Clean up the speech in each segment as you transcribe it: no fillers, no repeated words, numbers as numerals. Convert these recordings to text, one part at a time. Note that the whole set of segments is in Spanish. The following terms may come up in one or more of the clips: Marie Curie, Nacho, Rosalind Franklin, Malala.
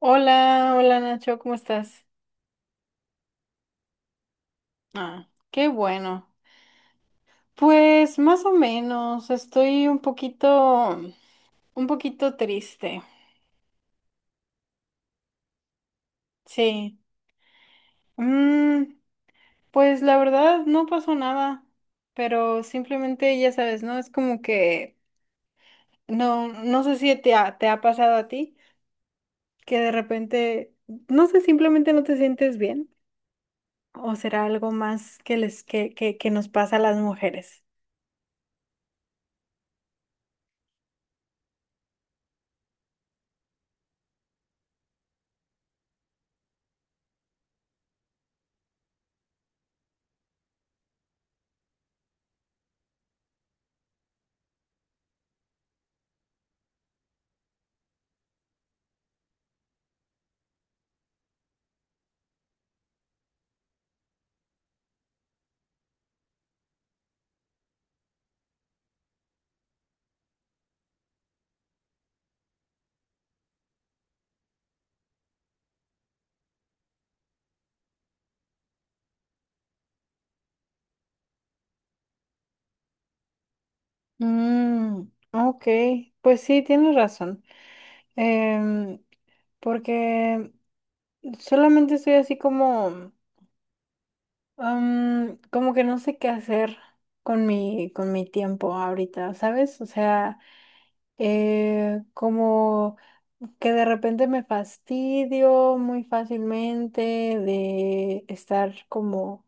Hola, hola Nacho, ¿cómo estás? Ah, qué bueno. Pues más o menos, estoy un poquito triste. Sí. Mm, pues la verdad no pasó nada, pero simplemente ya sabes, ¿no? Es como que no, no sé si te ha pasado a ti, que de repente, no sé, simplemente no te sientes bien, o será algo más que que nos pasa a las mujeres. Mm, ok, pues sí, tienes razón. Em, Porque solamente estoy así como, como que no sé qué hacer con con mi tiempo ahorita, ¿sabes? O sea, como que de repente me fastidio muy fácilmente de estar como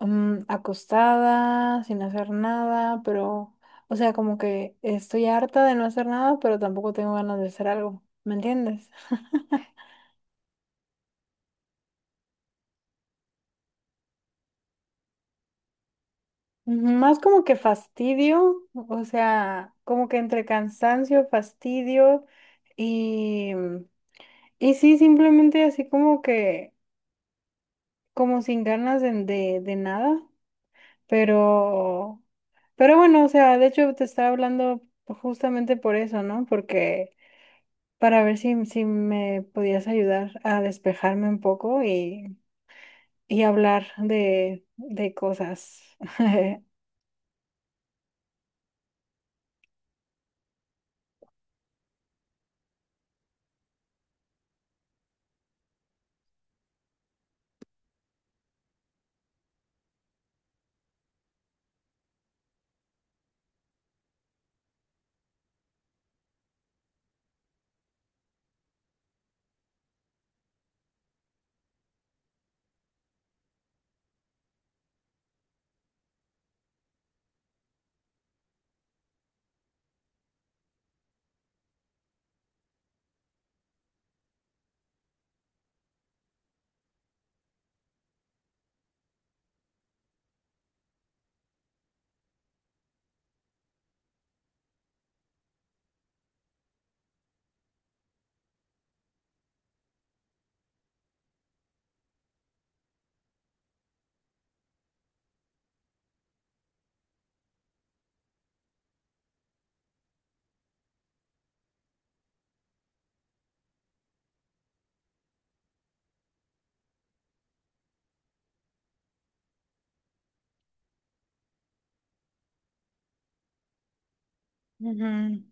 acostada, sin hacer nada, pero, o sea, como que estoy harta de no hacer nada, pero tampoco tengo ganas de hacer algo, ¿me entiendes? Más como que fastidio, o sea, como que entre cansancio, fastidio y, y sí, simplemente así como que, como sin ganas de nada, pero, pero bueno, o sea, de hecho te estaba hablando justamente por eso, ¿no? Porque... para ver si, si me podías ayudar a despejarme un poco y hablar de cosas. Ujú.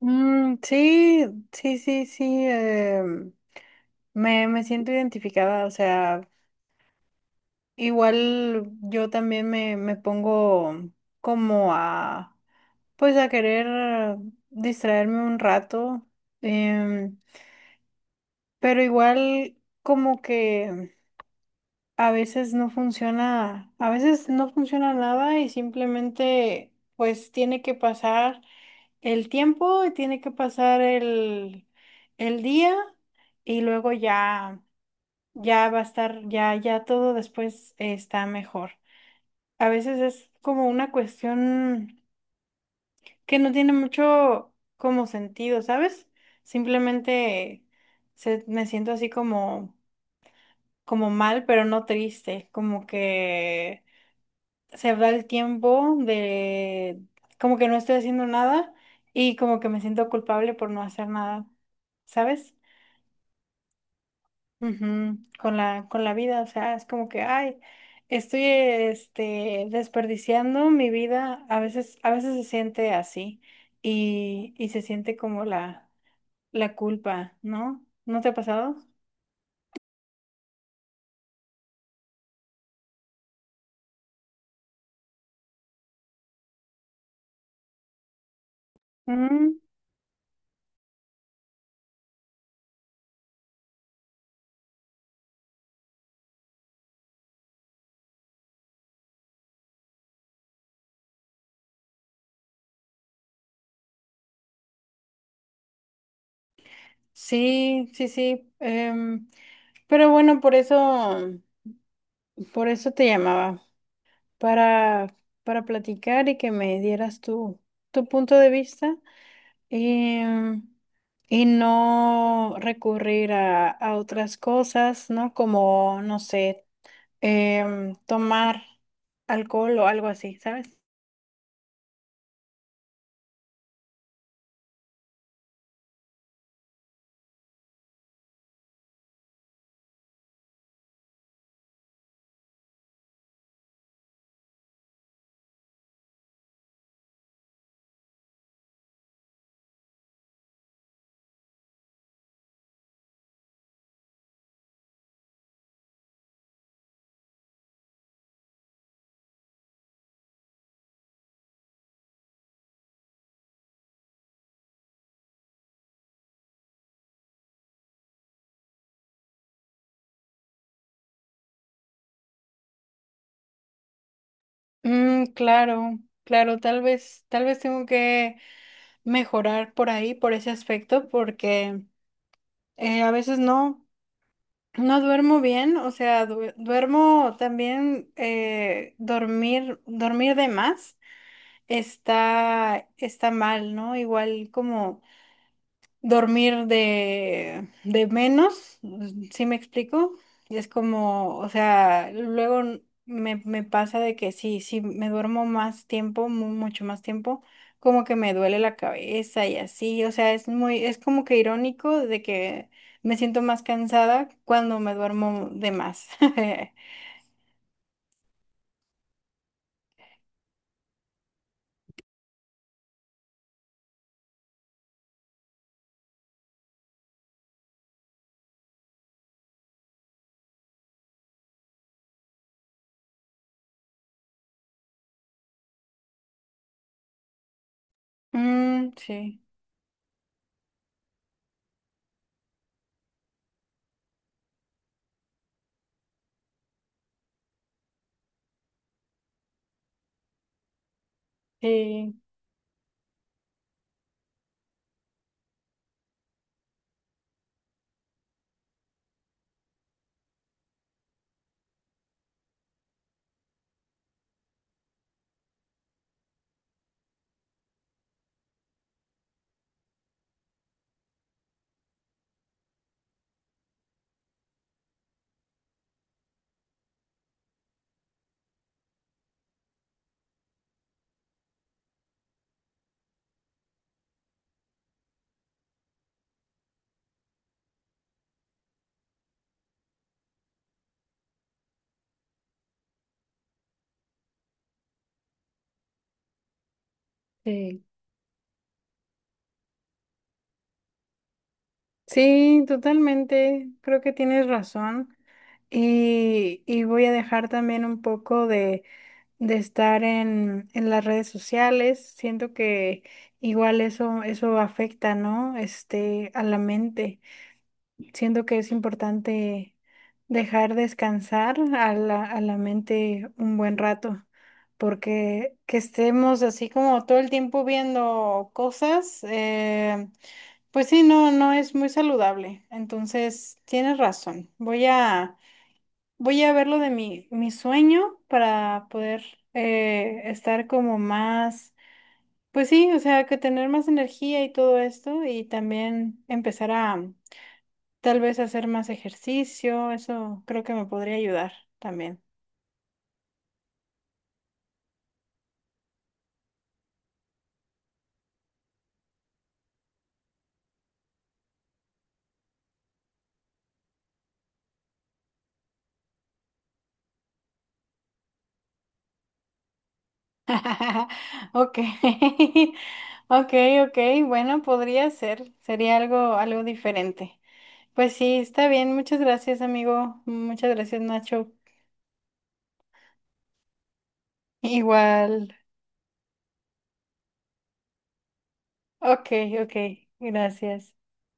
Mm, sí, sí, sí, sí, me, me siento identificada, o sea, igual yo también me pongo como a, pues a querer distraerme un rato, em, pero igual como que... A veces no funciona, a veces no funciona nada y simplemente pues tiene que pasar el tiempo, y tiene que pasar el día y luego ya, ya va a estar, ya, ya todo después está mejor. A veces es como una cuestión que no tiene mucho como sentido, ¿sabes? Simplemente me siento así como, como mal, pero no triste, como que se va el tiempo de como que no estoy haciendo nada y como que me siento culpable por no hacer nada, ¿sabes? Ujú, con la, con la vida, o sea, es como que, ay, estoy este, desperdiciando mi vida, a veces se siente así y se siente como la culpa, ¿no? ¿No te ha pasado? Mm, sí, sí, sí. Pero bueno, por eso te llamaba. para, para platicar y que me dieras tu, tu punto de vista y, y no recurrir a otras cosas, ¿no? Como, no sé, tomar alcohol o algo así, ¿sabes? Mm, claro, claro, tal vez tengo que mejorar por ahí, por ese aspecto, porque a veces no. No duermo bien, o sea, duermo también, dormir, dormir de más está, está mal, ¿no? Igual como dormir de menos, ¿sí me explico? Y es como, o sea, luego me, me pasa de que sí, sí, me duermo más tiempo, mucho más tiempo, como que me duele la cabeza y así, o sea, es muy, es como que irónico de que me siento más cansada cuando me duermo de más. Mm, sí, sí, sí. Sí, totalmente. Creo que tienes razón. Y voy a dejar también un poco de estar en las redes sociales. Siento que igual eso, eso afecta, ¿no? Este, a la mente. Siento que es importante dejar descansar a la mente un buen rato, porque que estemos así como todo el tiempo viendo cosas, pues sí, no, no es muy saludable. Entonces, tienes razón. Voy a, voy a ver lo de mi, mi sueño para poder estar como más, pues sí, o sea, que tener más energía y todo esto y también empezar a tal vez hacer más ejercicio, eso creo que me podría ayudar también. Ok, ok, ok, bueno, podría ser, sería algo, algo diferente. Pues sí, está bien, muchas gracias, amigo, muchas gracias, Nacho. Igual, ok, ok, gracias.